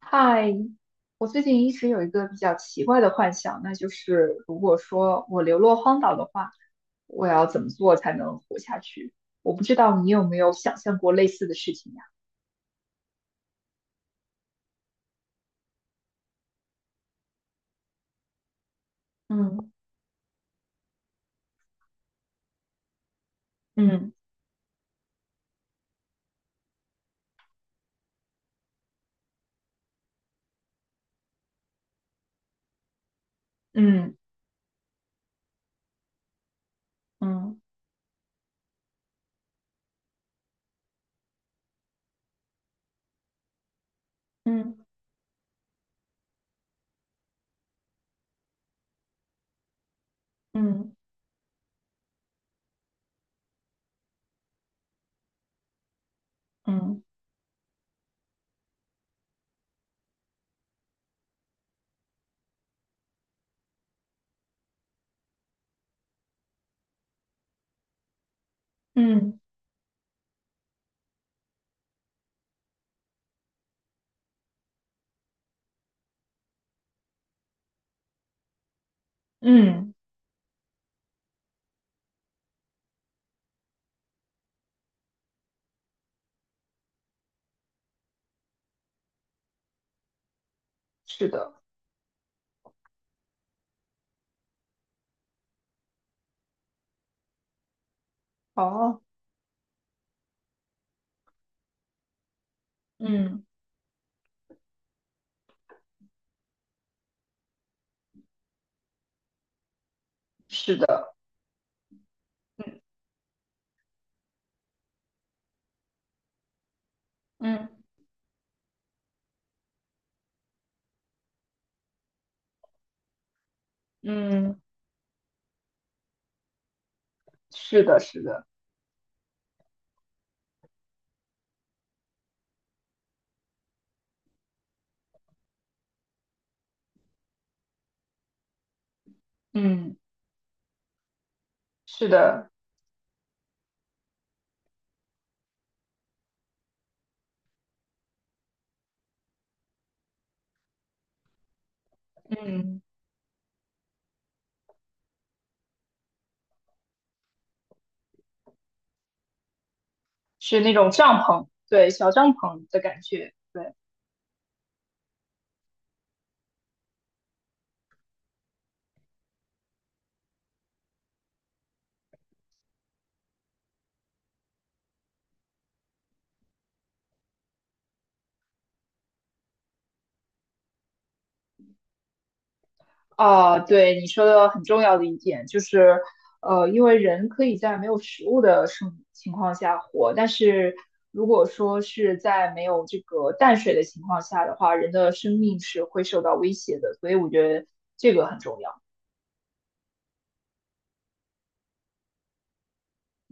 嗨，我最近一直有一个比较奇怪的幻想，那就是如果说我流落荒岛的话，我要怎么做才能活下去？我不知道你有没有想象过类似的事情呀？嗯嗯嗯嗯嗯嗯嗯嗯嗯。是的。哦。嗯。是的。嗯嗯。是的。是的。嗯。是的。嗯。是那种帐篷，对，小帐篷的感觉。对。啊，对你说的很重要的一点就是，因为人可以在没有食物的生情况下活，但是如果说是在没有这个淡水的情况下的话，人的生命是会受到威胁的，所以我觉得这个很重要。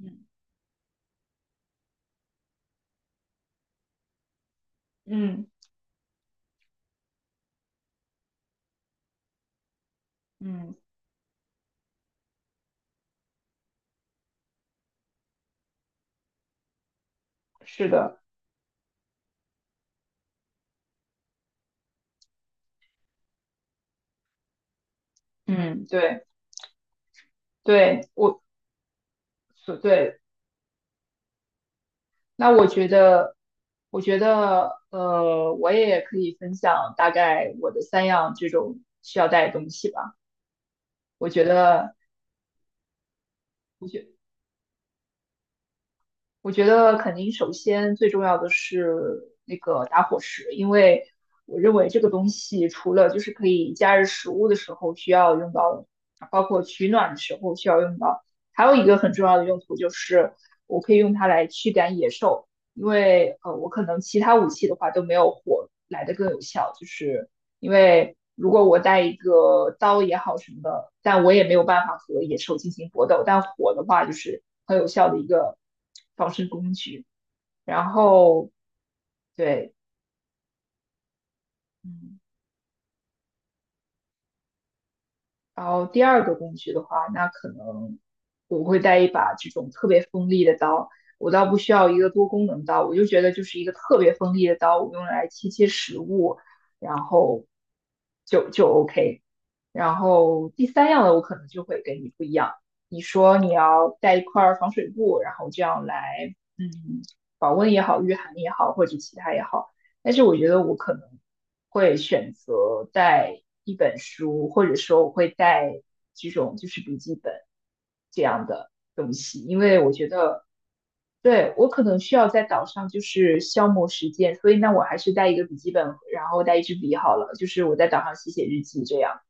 嗯嗯嗯，是的。嗯。对对。我所对。那我觉得，我也可以分享大概我的三样这种需要带的东西吧。我觉得我觉我觉得肯定首先最重要的是那个打火石，因为我认为这个东西除了就是可以加热食物的时候需要用到，包括取暖的时候需要用到，还有一个很重要的用途就是我可以用它来驱赶野兽，因为我可能其他武器的话都没有火来的更有效，就是因为如果我带一个刀也好什么的，但我也没有办法和野兽进行搏斗，但火的话就是很有效的一个防身工具。然后，对。嗯。然后第二个工具的话，那可能我会带一把这种特别锋利的刀。我倒不需要一个多功能刀，我就觉得就是一个特别锋利的刀，我用来切切食物，然后就 OK。然后第三样呢，我可能就会跟你不一样。你说你要带一块儿防水布，然后这样来，嗯，保温也好，御寒也好，或者其他也好。但是我觉得我可能会选择带一本书，或者说我会带这种就是笔记本这样的东西，因为我觉得对我可能需要在岛上就是消磨时间，所以那我还是带一个笔记本，然后带一支笔好了，就是我在岛上写写日记这样。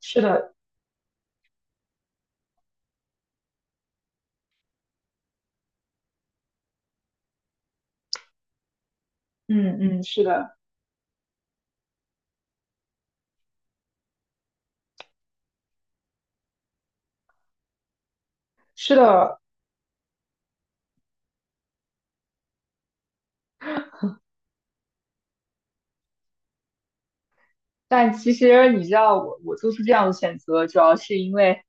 是的。嗯嗯，是的。是的。但其实你知道我，做出这样的选择，主要是因为，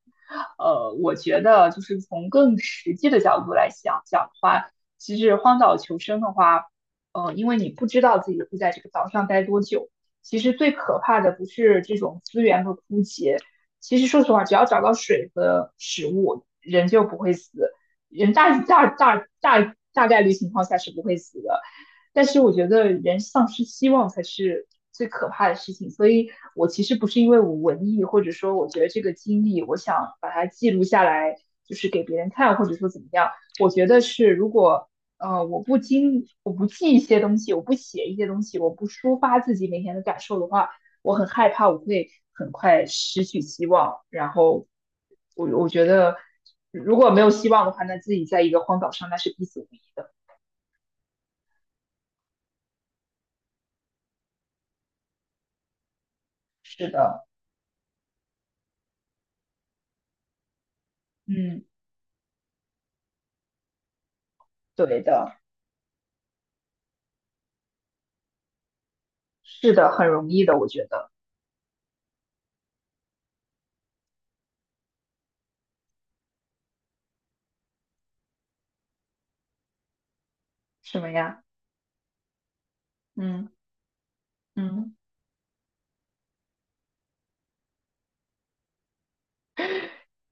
我觉得就是从更实际的角度来想讲的话，其实荒岛求生的话，因为你不知道自己会在这个岛上待多久，其实最可怕的不是这种资源和枯竭，其实说实话，只要找到水和食物，人就不会死，人大概率情况下是不会死的。但是我觉得人丧失希望才是最可怕的事情，所以我其实不是因为我文艺，或者说我觉得这个经历，我想把它记录下来，就是给别人看，或者说怎么样。我觉得是，如果我不记一些东西，我不写一些东西，我不抒发自己每天的感受的话，我很害怕我会很快失去希望。然后我觉得如果没有希望的话，那自己在一个荒岛上那是必死无疑的。是的。嗯。对的。是的，很容易的，我觉得。什么呀？嗯嗯。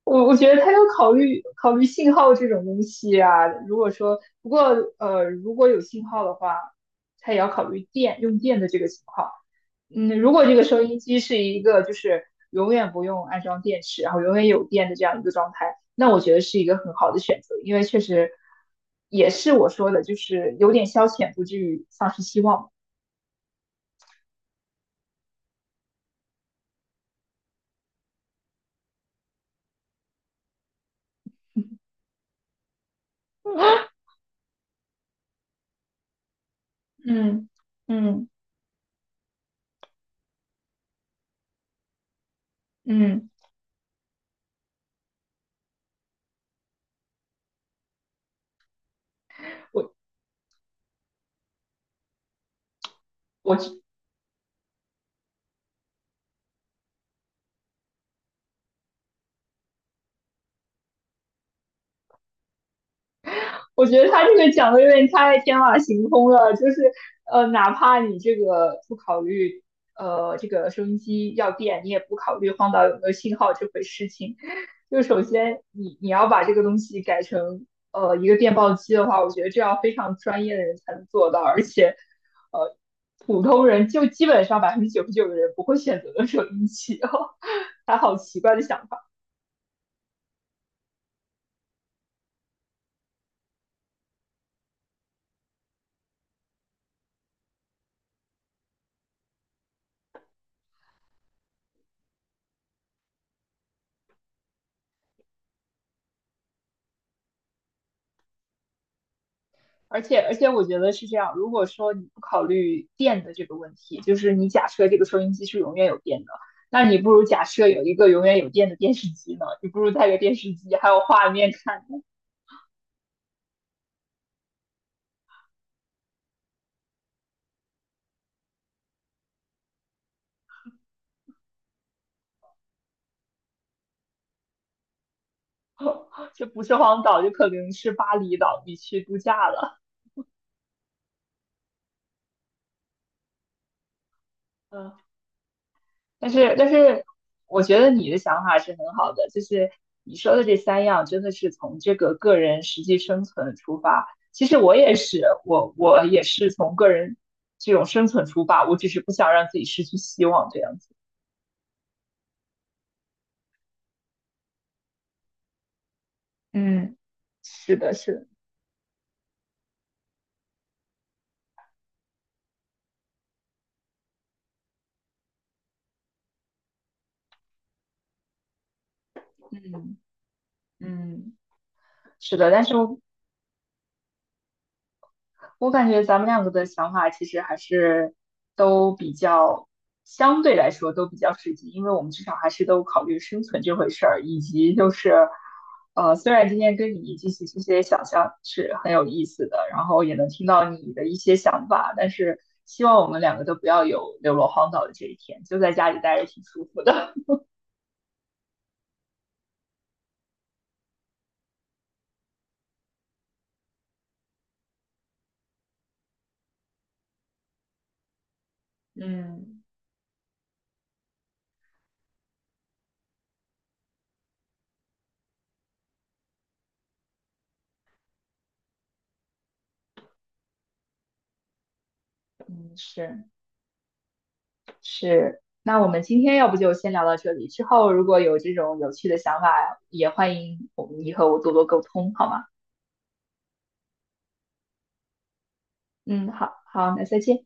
我觉得他要考虑考虑信号这种东西啊。如果说不过，如果有信号的话，他也要考虑用电的这个情况。嗯，如果这个收音机是一个就是永远不用安装电池，然后永远有电的这样一个状态，那我觉得是一个很好的选择，因为确实也是我说的，就是有点消遣，不至于丧失希望。嗯嗯。嗯，我我我觉得他这个讲的有点太天马行空了，就是，哪怕你这个不考虑这个收音机要电，你也不考虑荒岛有没有信号这回事情，就首先你要把这个东西改成一个电报机的话，我觉得这要非常专业的人才能做到，而且呃普通人就基本上99%的人不会选择的收音机哦，他好奇怪的想法。而且我觉得是这样，如果说你不考虑电的这个问题，就是你假设这个收音机是永远有电的，那你不如假设有一个永远有电的电视机呢？你不如带个电视机，还有画面看呢。这不是荒岛，就可能是巴厘岛，你去度假了。嗯。但是，我觉得你的想法是很好的，就是你说的这三样，真的是从这个个人实际生存出发。其实我也是，我也是从个人这种生存出发，我只是不想让自己失去希望这样子。嗯，是的。是的。嗯嗯，是的。但是我感觉咱们两个的想法其实还是都比较，相对来说都比较实际，因为我们至少还是都考虑生存这回事儿，以及就是，虽然今天跟你进行这些想象是很有意思的，然后也能听到你的一些想法，但是希望我们两个都不要有流落荒岛的这一天，就在家里待着挺舒服的。嗯嗯，是。是，那我们今天要不就先聊到这里，之后如果有这种有趣的想法，也欢迎你和我们以后多多沟通，好吗？嗯，好，好，那再见。